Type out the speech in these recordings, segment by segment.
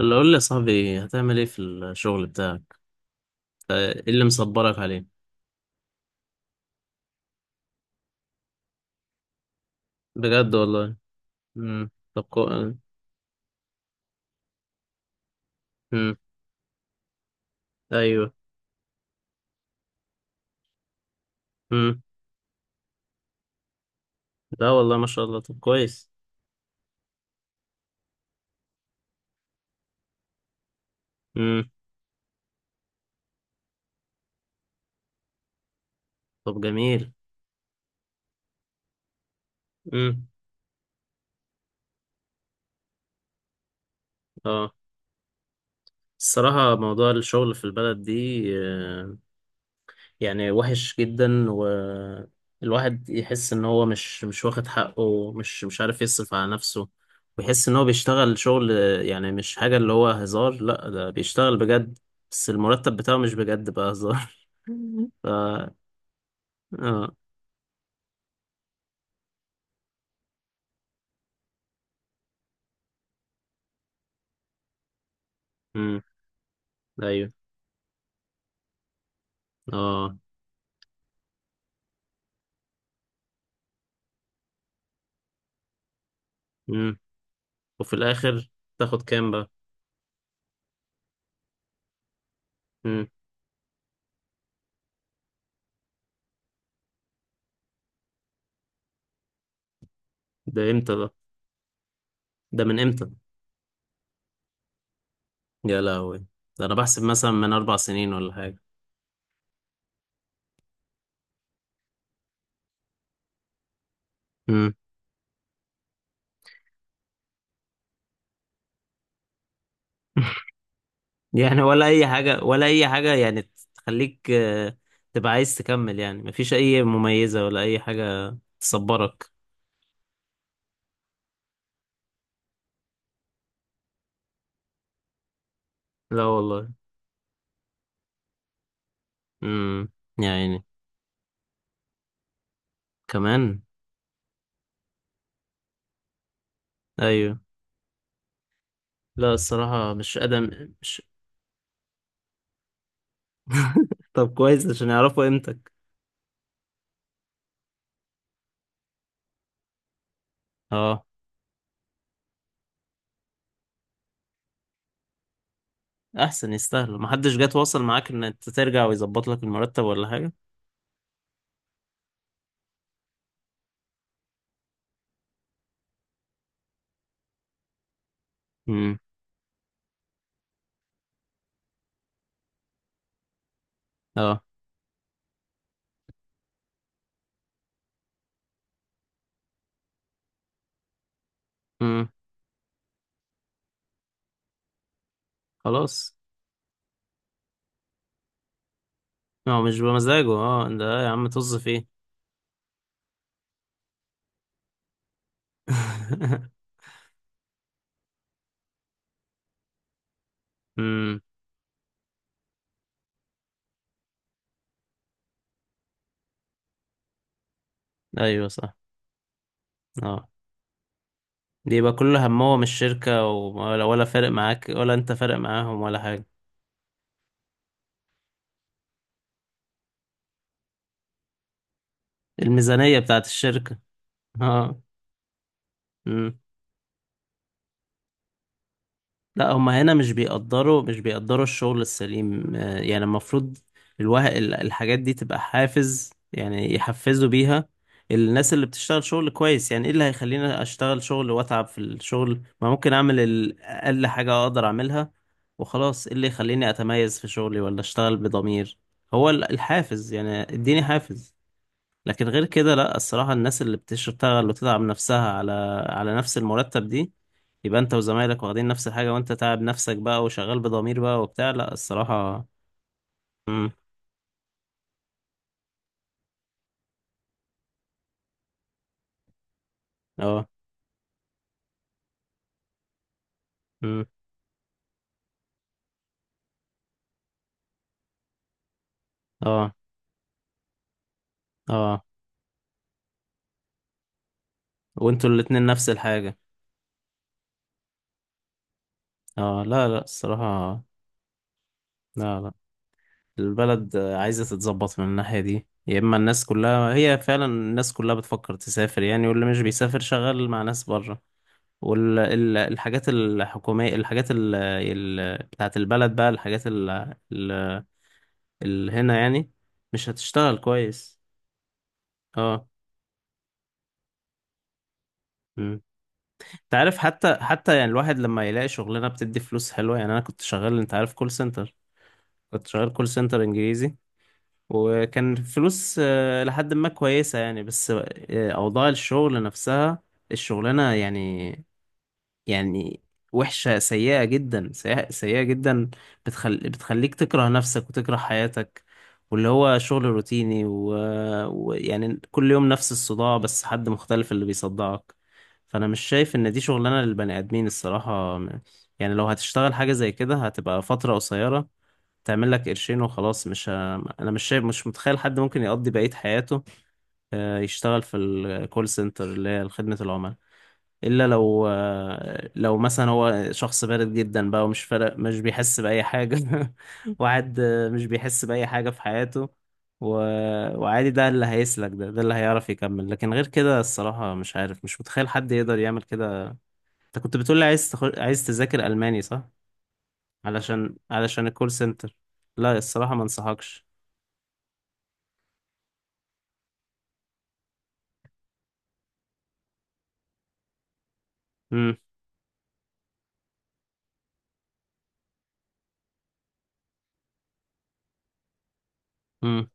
اللي قول لي يا صاحبي هتعمل ايه في الشغل بتاعك؟ آه، ايه اللي مصبرك عليه؟ بجد والله. طب امم ايوه. امم لا والله، ما شاء الله. طب كويس. امم طب جميل. امم اه الصراحة موضوع الشغل في البلد دي آه، يعني وحش جدا، والواحد يحس ان هو مش واخد حقه، مش عارف يصرف على نفسه، ويحس ان هو بيشتغل شغل، يعني مش حاجة اللي هو هزار، لا ده بيشتغل بجد، بس المرتب بتاعه مش بجد بقى هزار. ف اه امم ايوه. اه امم وفي الاخر تاخد كام بقى؟ امم ده امتى ده؟ ده من امتى؟ يا لهوي، ده انا بحسب مثلا من اربع سنين ولا حاجة. امم يعني ولا اي حاجة ولا اي حاجة يعني، تخليك آه، تبقى عايز تكمل، يعني مفيش اي مميزة ولا اي حاجة تصبرك. لا والله. امم يعني كمان؟ ايوه، لا الصراحة مش ادم، مش… طب كويس، عشان يعرفوا قيمتك. اه، احسن يستاهلوا. محدش جه تواصل معاك ان انت ترجع ويظبط لك المرتب ولا حاجة؟ امم اه امم خلاص. هو مش بمزاجه، اه ده يا عم طز فيه. امم ايوه صح. اه، بيبقى كل همهم الشركة، ولا ولا فارق معاك ولا انت فارق معاهم ولا حاجة. الميزانية بتاعت الشركة. اه. مم. لا هما هنا مش بيقدروا الشغل السليم، آه، يعني المفروض الحاجات دي تبقى حافز، يعني يحفزوا بيها الناس اللي بتشتغل شغل كويس. يعني ايه اللي هيخليني اشتغل شغل واتعب في الشغل، ما ممكن اعمل اقل حاجة اقدر اعملها وخلاص. ايه اللي يخليني اتميز في شغلي ولا اشتغل بضمير؟ هو الحافز، يعني اديني حافز. لكن غير كده لا، الصراحة الناس اللي بتشتغل وتتعب نفسها على على نفس المرتب دي، يبقى انت وزمايلك واخدين نفس الحاجة، وانت تعب نفسك بقى وشغال بضمير بقى وبتاع، لا الصراحة. امم اه امم اه اه، وانتوا الاتنين نفس الحاجة. اه لا لا الصراحة، لا لا. البلد عايزة تتظبط من الناحية دي، يا اما الناس كلها هي فعلا الناس كلها بتفكر تسافر يعني، واللي مش بيسافر شغال مع ناس بره. والحاجات الحكومية، الحاجات بتاعت البلد بقى، الحاجات اللي هنا يعني، مش هتشتغل كويس. اه امم انت عارف، حتى حتى يعني الواحد لما يلاقي شغلانه بتدي فلوس حلوه، يعني انا كنت شغال انت عارف كول سنتر، كنت شغال كول سنتر انجليزي، وكان فلوس آه، لحد ما كويسه يعني، بس آه، اوضاع الشغل نفسها، الشغلانه يعني، يعني وحشة، سيئة جدا، سيئة جدا. بتخليك تكره نفسك وتكره حياتك، واللي هو شغل روتيني ويعني ويعني كل يوم نفس الصداع، بس حد مختلف اللي بيصدعك. فأنا مش شايف إن دي شغلانة للبني آدمين الصراحة. يعني لو هتشتغل حاجة زي كده هتبقى فترة قصيرة، تعمل لك قرشين وخلاص، مش ه... أنا مش شايف، مش متخيل حد ممكن يقضي بقية حياته آه، يشتغل في الكول سنتر اللي هي خدمة العملاء، الا لو آه، لو مثلا هو شخص بارد جدا بقى ومش فارق، مش بيحس باي حاجه. واحد مش بيحس باي حاجه في حياته و... وعادي، ده اللي هيسلك، ده اللي هيعرف يكمل، لكن غير كده الصراحه مش عارف، مش متخيل حد يقدر يعمل كده. انت كنت بتقولي عايز عايز تذاكر الماني صح؟ علشان علشان الكول سنتر؟ لا الصراحه ما انصحكش. امم امم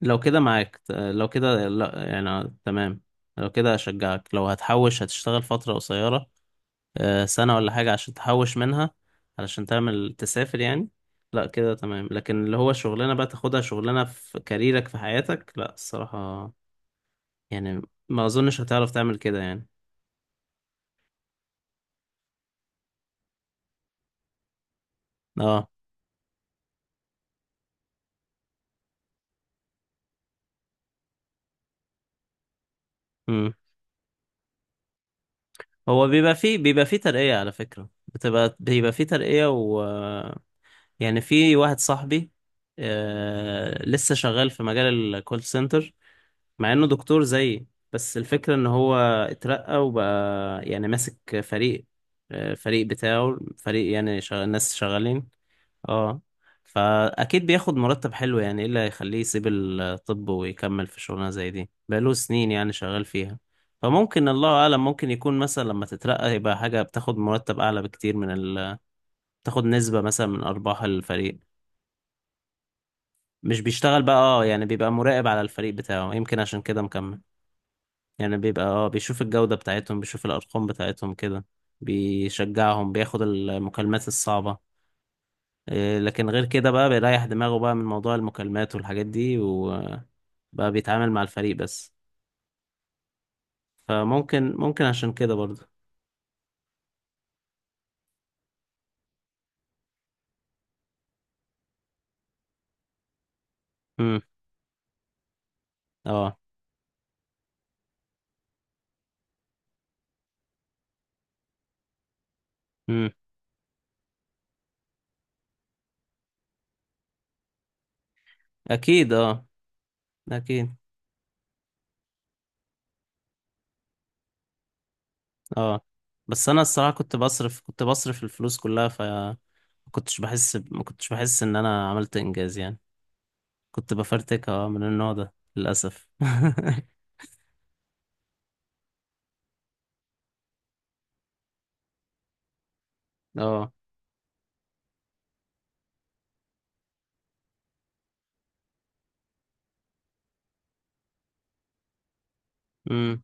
لو كده معاك، لو كده لا يعني آه، تمام. لو كده اشجعك، لو هتحوش، هتشتغل فتره قصيره آه، سنة ولا حاجة عشان تحوش منها، علشان تعمل تسافر يعني، لا كده تمام. لكن اللي هو شغلانة بقى تاخدها شغلانة في كاريرك في حياتك، لا الصراحة. يعني ما أظنش هتعرف تعمل كده يعني. اه امم هو بيبقى فيه، بيبقى فيه ترقية على فكرة بتبقى بيبقى فيه ترقية و… يعني في واحد صاحبي آه لسه شغال في مجال الكول سنتر مع انه دكتور زيي، بس الفكرة ان هو اترقى وبقى يعني ماسك فريق، آه، فريق بتاعه، فريق يعني ناس شغالين. اه، فاكيد بياخد مرتب حلو، يعني ايه اللي هيخليه يسيب الطب ويكمل في شغلانة زي دي بقاله سنين يعني شغال فيها؟ فممكن الله اعلم، ممكن يكون مثلا لما تترقى يبقى حاجة بتاخد مرتب اعلى بكتير من تاخد نسبة مثلا من ارباح الفريق. مش بيشتغل بقى اه، يعني بيبقى مراقب على الفريق بتاعه، يمكن عشان كده مكمل. يعني بيبقى اه بيشوف الجودة بتاعتهم، بيشوف الأرقام بتاعتهم كده، بيشجعهم، بياخد المكالمات الصعبة، إيه، لكن غير كده بقى بيريح دماغه بقى من موضوع المكالمات والحاجات دي، وبقى بيتعامل مع الفريق بس. فممكن، ممكن عشان كده برضه. امم اه امم اكيد اه، اكيد. اه، بس انا الصراحة كنت بصرف الفلوس كلها، فما كنتش بحس ب- ما كنتش بحس ان انا عملت انجاز يعني، كنت بفرتكها آه، من النوع ده للاسف. اه امم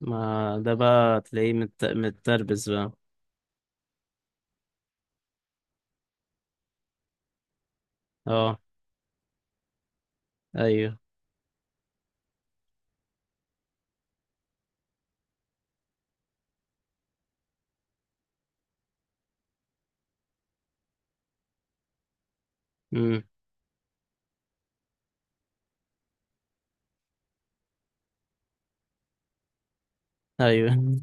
ما ده بقى تلاقيه متربس بقى. اه ايوه امم ايوه.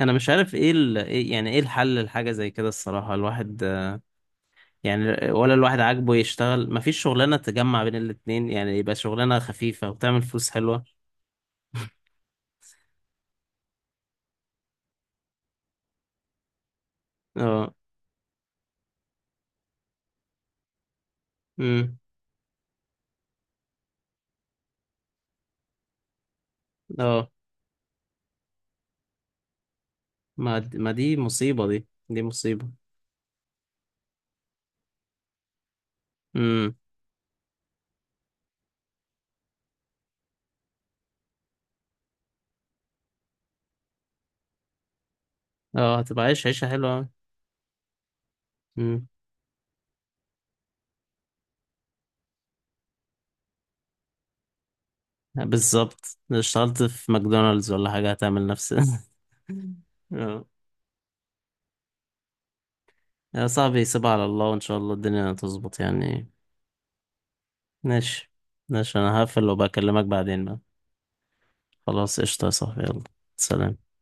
انا مش عارف ايه إيه يعني ايه الحل لحاجه زي كده الصراحه؟ الواحد يعني، ولا الواحد عاجبه يشتغل، مفيش شغلانه تجمع بين الاتنين يعني، يبقى شغلانه خفيفه وتعمل فلوس حلوه. اه امم اه ما دي مصيبه، دي مصيبه. امم اه هتبقى عايش عيشه حلوه أوي. امم بالظبط، لو اشتغلت في ماكدونالدز ولا حاجه هتعمل نفس… اه، يا صاحبي سيب على الله، وإن شاء الله الدنيا تظبط يعني. ماشي، ماشي، أنا هقفل وبكلمك بعدين بقى. خلاص قشطة يا صاحبي يلا. سلام.